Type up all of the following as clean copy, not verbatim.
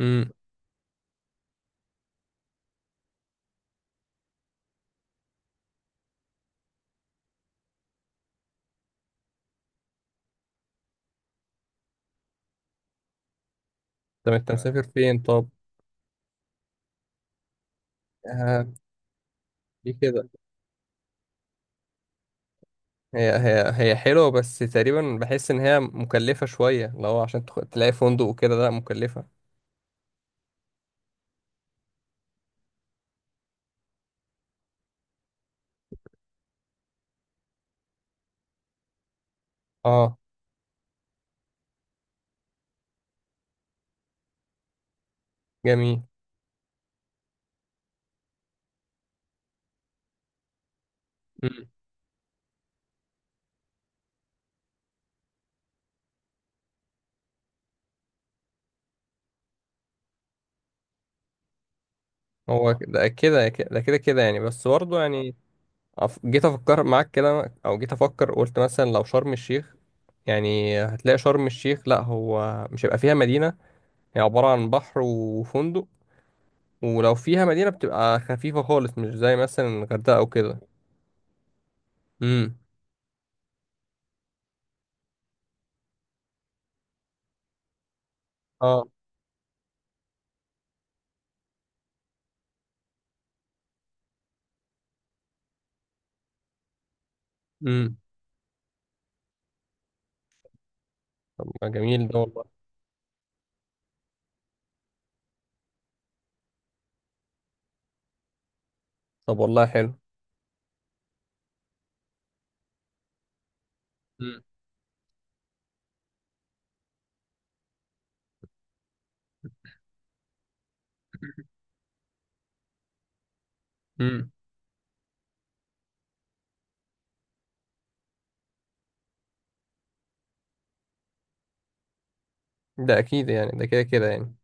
امم طب انت مسافر فين، طب؟ آه، دي كده. هي حلوه، بس تقريبا بحس ان هي مكلفه شويه لو عشان تلاقي فندق وكده. لا، مكلفه. اه، جميل. امم. هو ده كده، ده كده كده يعني، بس برضه يعني، جيت افكر معاك كده، او جيت افكر قلت مثلا لو شرم الشيخ. يعني هتلاقي شرم الشيخ، لا هو مش هيبقى فيها مدينة. هي عبارة عن بحر وفندق. ولو فيها مدينة بتبقى خفيفة خالص، مش زي مثلا الغردقة أو كده. امم، امم. طب، ما جميل ده والله. طب والله حلو. امم، امم. ده اكيد يعني، ده كده كده يعني.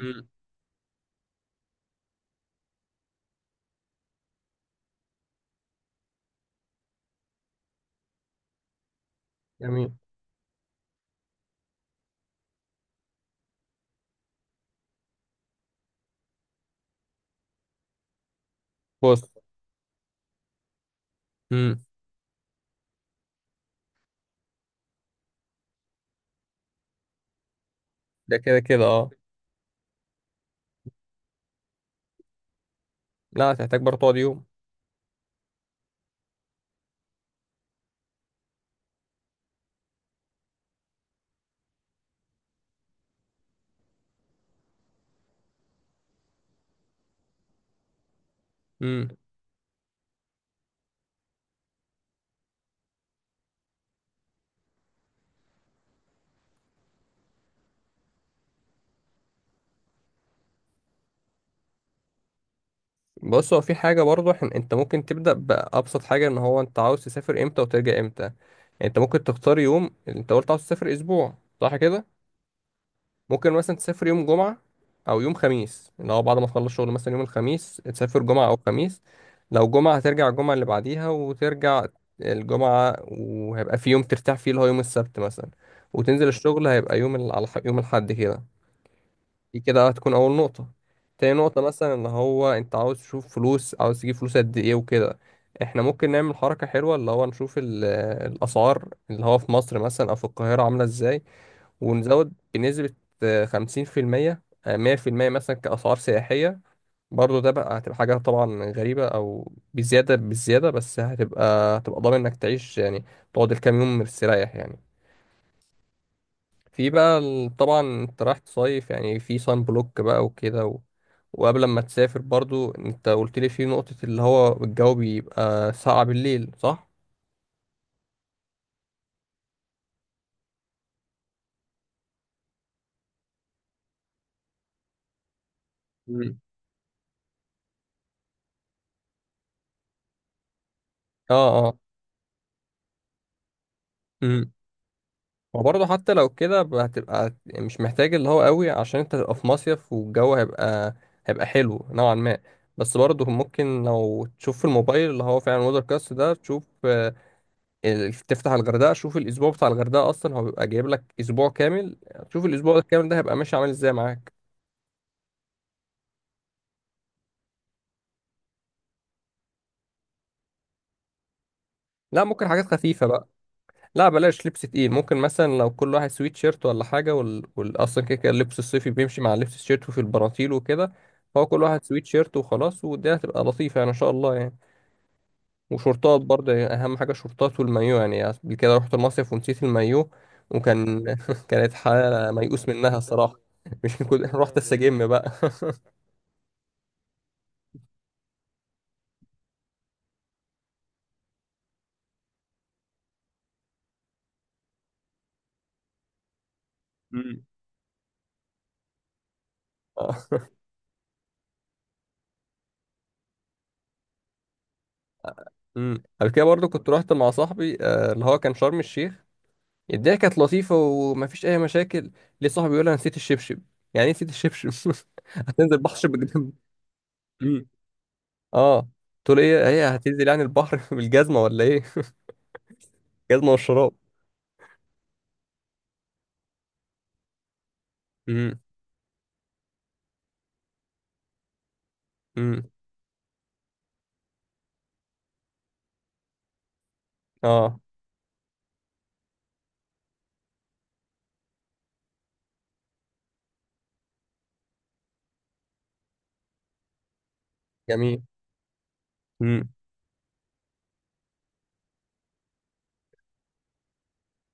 امم. جميل. بص. امم. ده كده كده، اه. لا، هتحتاج برضه تقعد يوم. امم. بص، هو في حاجة برضه انت ممكن تبدأ بأبسط حاجة، ان هو انت عاوز تسافر امتى وترجع امتى يعني. انت ممكن تختار يوم، انت قلت عاوز تسافر اسبوع، صح كده؟ ممكن مثلا تسافر يوم جمعة، أو يوم خميس، اللي هو بعد ما تخلص شغل، مثلا يوم الخميس تسافر جمعة أو خميس. لو جمعة هترجع الجمعة اللي بعديها، وترجع الجمعة، وهيبقى في يوم ترتاح فيه اللي هو يوم السبت مثلا. وتنزل الشغل هيبقى يوم على يوم الأحد كده. دي كده هتكون أول نقطة. تاني نقطة مثلا اللي هو أنت عاوز تشوف فلوس، عاوز تجيب فلوس قد إيه وكده. احنا ممكن نعمل حركة حلوة، اللي هو نشوف الأسعار، اللي هو في مصر مثلا أو في القاهرة، عاملة إزاي. ونزود بنسبة 50%، 100% مثلا، كأسعار سياحية. برضه ده بقى هتبقى حاجة طبعا غريبة، أو بزيادة، بالزيادة، بس هتبقى ضامن إنك تعيش يعني، تقعد الكام يوم مستريح يعني. في بقى طبعا أنت رايح تصيف يعني، في صن بلوك بقى وكده وقبل ما تسافر برضو أنت قلت لي في نقطة اللي هو الجو بيبقى ساقع بالليل، صح؟ مم. اه، اه. وبرضه حتى لو كده هتبقى مش محتاج اللي هو قوي، عشان انت تبقى في مصيف، والجو هيبقى حلو نوعا ما. بس برضه ممكن لو تشوف في الموبايل اللي هو فعلا وودر كاست ده، تشوف تفتح الغردقة، شوف الأسبوع بتاع الغردقة، أصلا هو بيبقى جايب لك أسبوع كامل. تشوف الأسبوع الكامل ده هيبقى ماشي عامل ازاي معاك. لا، ممكن حاجات خفيفة بقى. لا بلاش لبس تقيل، ممكن مثلا لو كل واحد سويت شيرت ولا حاجة، أصلا كده كده اللبس الصيفي بيمشي مع اللبس الشيرت وفي البناطيل وكده. فهو كل واحد سويت شيرت وخلاص، والدنيا هتبقى لطيفة يعني، إن شاء الله يعني. وشورتات برضه يعني، أهم حاجة شورتات والمايو يعني. قبل كده رحت المصيف ونسيت المايو. وكان كانت حالة ميؤوس منها الصراحة. مش كل رحت استجم بقى. مم. آه. أمم. قبل كده برضه كنت رحت مع صاحبي، اللي هو كان شرم الشيخ. الدنيا كانت لطيفة ومفيش أي مشاكل. ليه صاحبي يقول أنا نسيت الشبشب؟ يعني إيه نسيت الشبشب؟ هتنزل بحر شبشب جنبي؟ امم. أه. تقول إيه؟ هي هتنزل يعني البحر بالجزمة ولا إيه؟ الجزمة والشراب. امم، امم، أه، جميل. امم.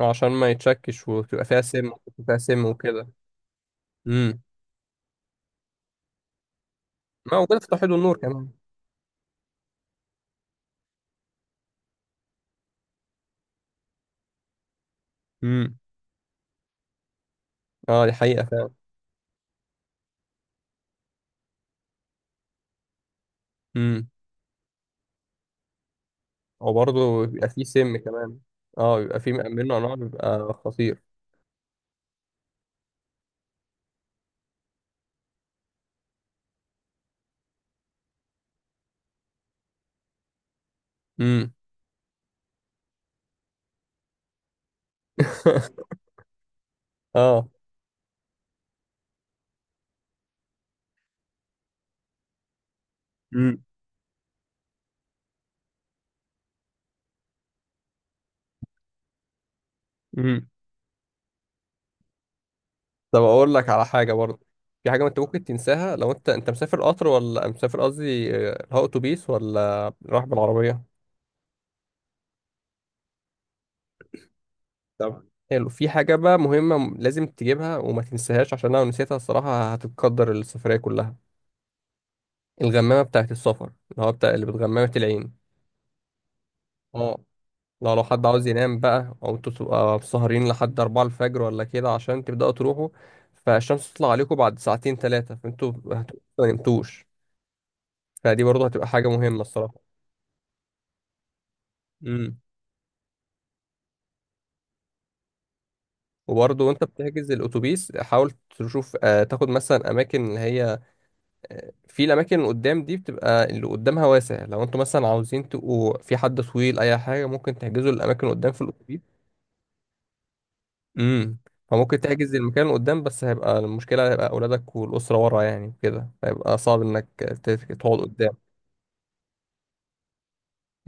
عشان ما يتشكش، وتبقى فيها سم، وتبقى فيها سم وكده. امم. ما وجدت في توحيد النور كمان. امم. أه، دي حقيقة فعلا. امم. وبرضه بيبقى فيه سم كمان. أه، بيبقى فيه منه أنواع بيبقى خطير. امم. أه. امم. طب اقول لك على حاجه برضه. في حاجه ما انت ممكن تنساها، لو انت مسافر قطر، ولا مسافر، قصدي هو اتوبيس ولا رايح بالعربيه. طبعا، حلو. في حاجه بقى مهمه لازم تجيبها وما تنساهاش، عشان لو نسيتها الصراحه هتتقدر السفريه كلها. الغمامه بتاعه السفر، اللي هو بتاع اللي بتغمامه العين. اه، لو حد عاوز ينام بقى، او انتوا تبقى سهرين لحد 4 الفجر ولا كده عشان تبداوا تروحوا، فالشمس تطلع عليكم بعد ساعتين ثلاثه، فانتوا هتبقوا ما نمتوش. فدي برضه هتبقى حاجه مهمه الصراحه. مم. وبرضه وانت بتحجز الاتوبيس، حاول تشوف تاخد مثلا اماكن اللي هي، في الاماكن اللي قدام دي بتبقى اللي قدامها واسع. لو انتوا مثلا عاوزين تبقوا، في حد طويل اي حاجه، ممكن تحجزوا الاماكن اللي قدام في الاتوبيس. امم. فممكن تحجز المكان اللي قدام، بس هيبقى المشكله، هيبقى اولادك والاسره ورا، يعني كده هيبقى صعب انك تقعد قدام.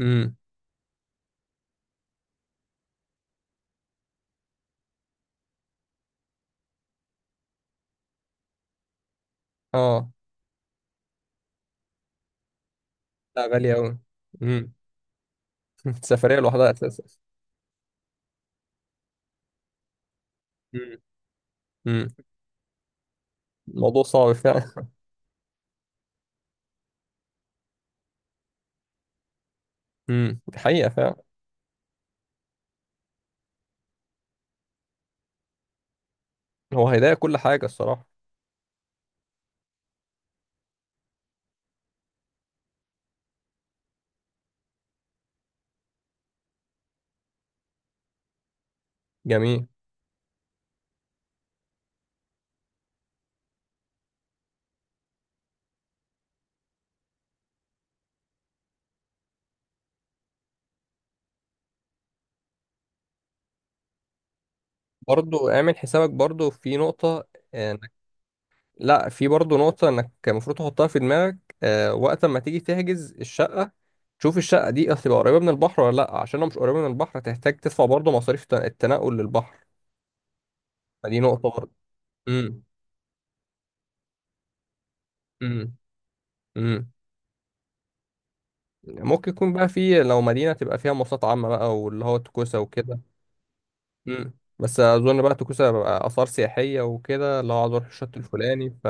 امم، اه. لا، غاليه قوي. امم. السفريه لوحدها اساسا. امم، امم. الموضوع صعب فعلا. امم. دي حقيقه فعلا. هو هيضايق كل حاجه الصراحه. جميل. برضو اعمل حسابك برضو في نقطة، انك. لا، في برضو نقطة انك المفروض تحطها في دماغك، وقت ما تيجي تحجز الشقة. تشوف الشقة دي هتبقى قريبة من البحر ولا لا، عشان لو مش قريبة من البحر هتحتاج تدفع برضو مصاريف التنقل للبحر. فدي نقطة برضو. امم، امم، امم. ممكن يكون بقى في، لو مدينة تبقى فيها مواصلات عامة بقى، واللي هو توكوسة وكده. امم. بس اظن بقى توكوسة بقى آثار سياحية وكده، لو عايز اروح الشط الفلاني ف.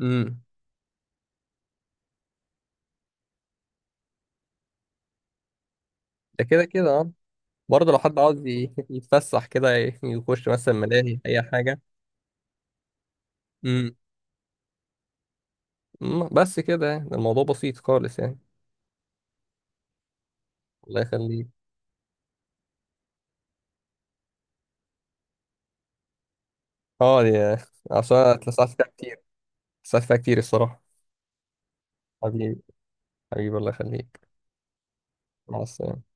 امم. ده كده كده، اه. برضه لو حد عاوز يتفسح كده، يخش مثلا ملاهي أي حاجة. امم. أمم، بس كده يعني الموضوع بسيط خالص يعني. الله يخليك. اه، يا. عشان أنا اتلسعت فيها كتير، اتلسعت فيها كتير الصراحة. حبيبي. حبيبي، الله يخليك. مع السلامة.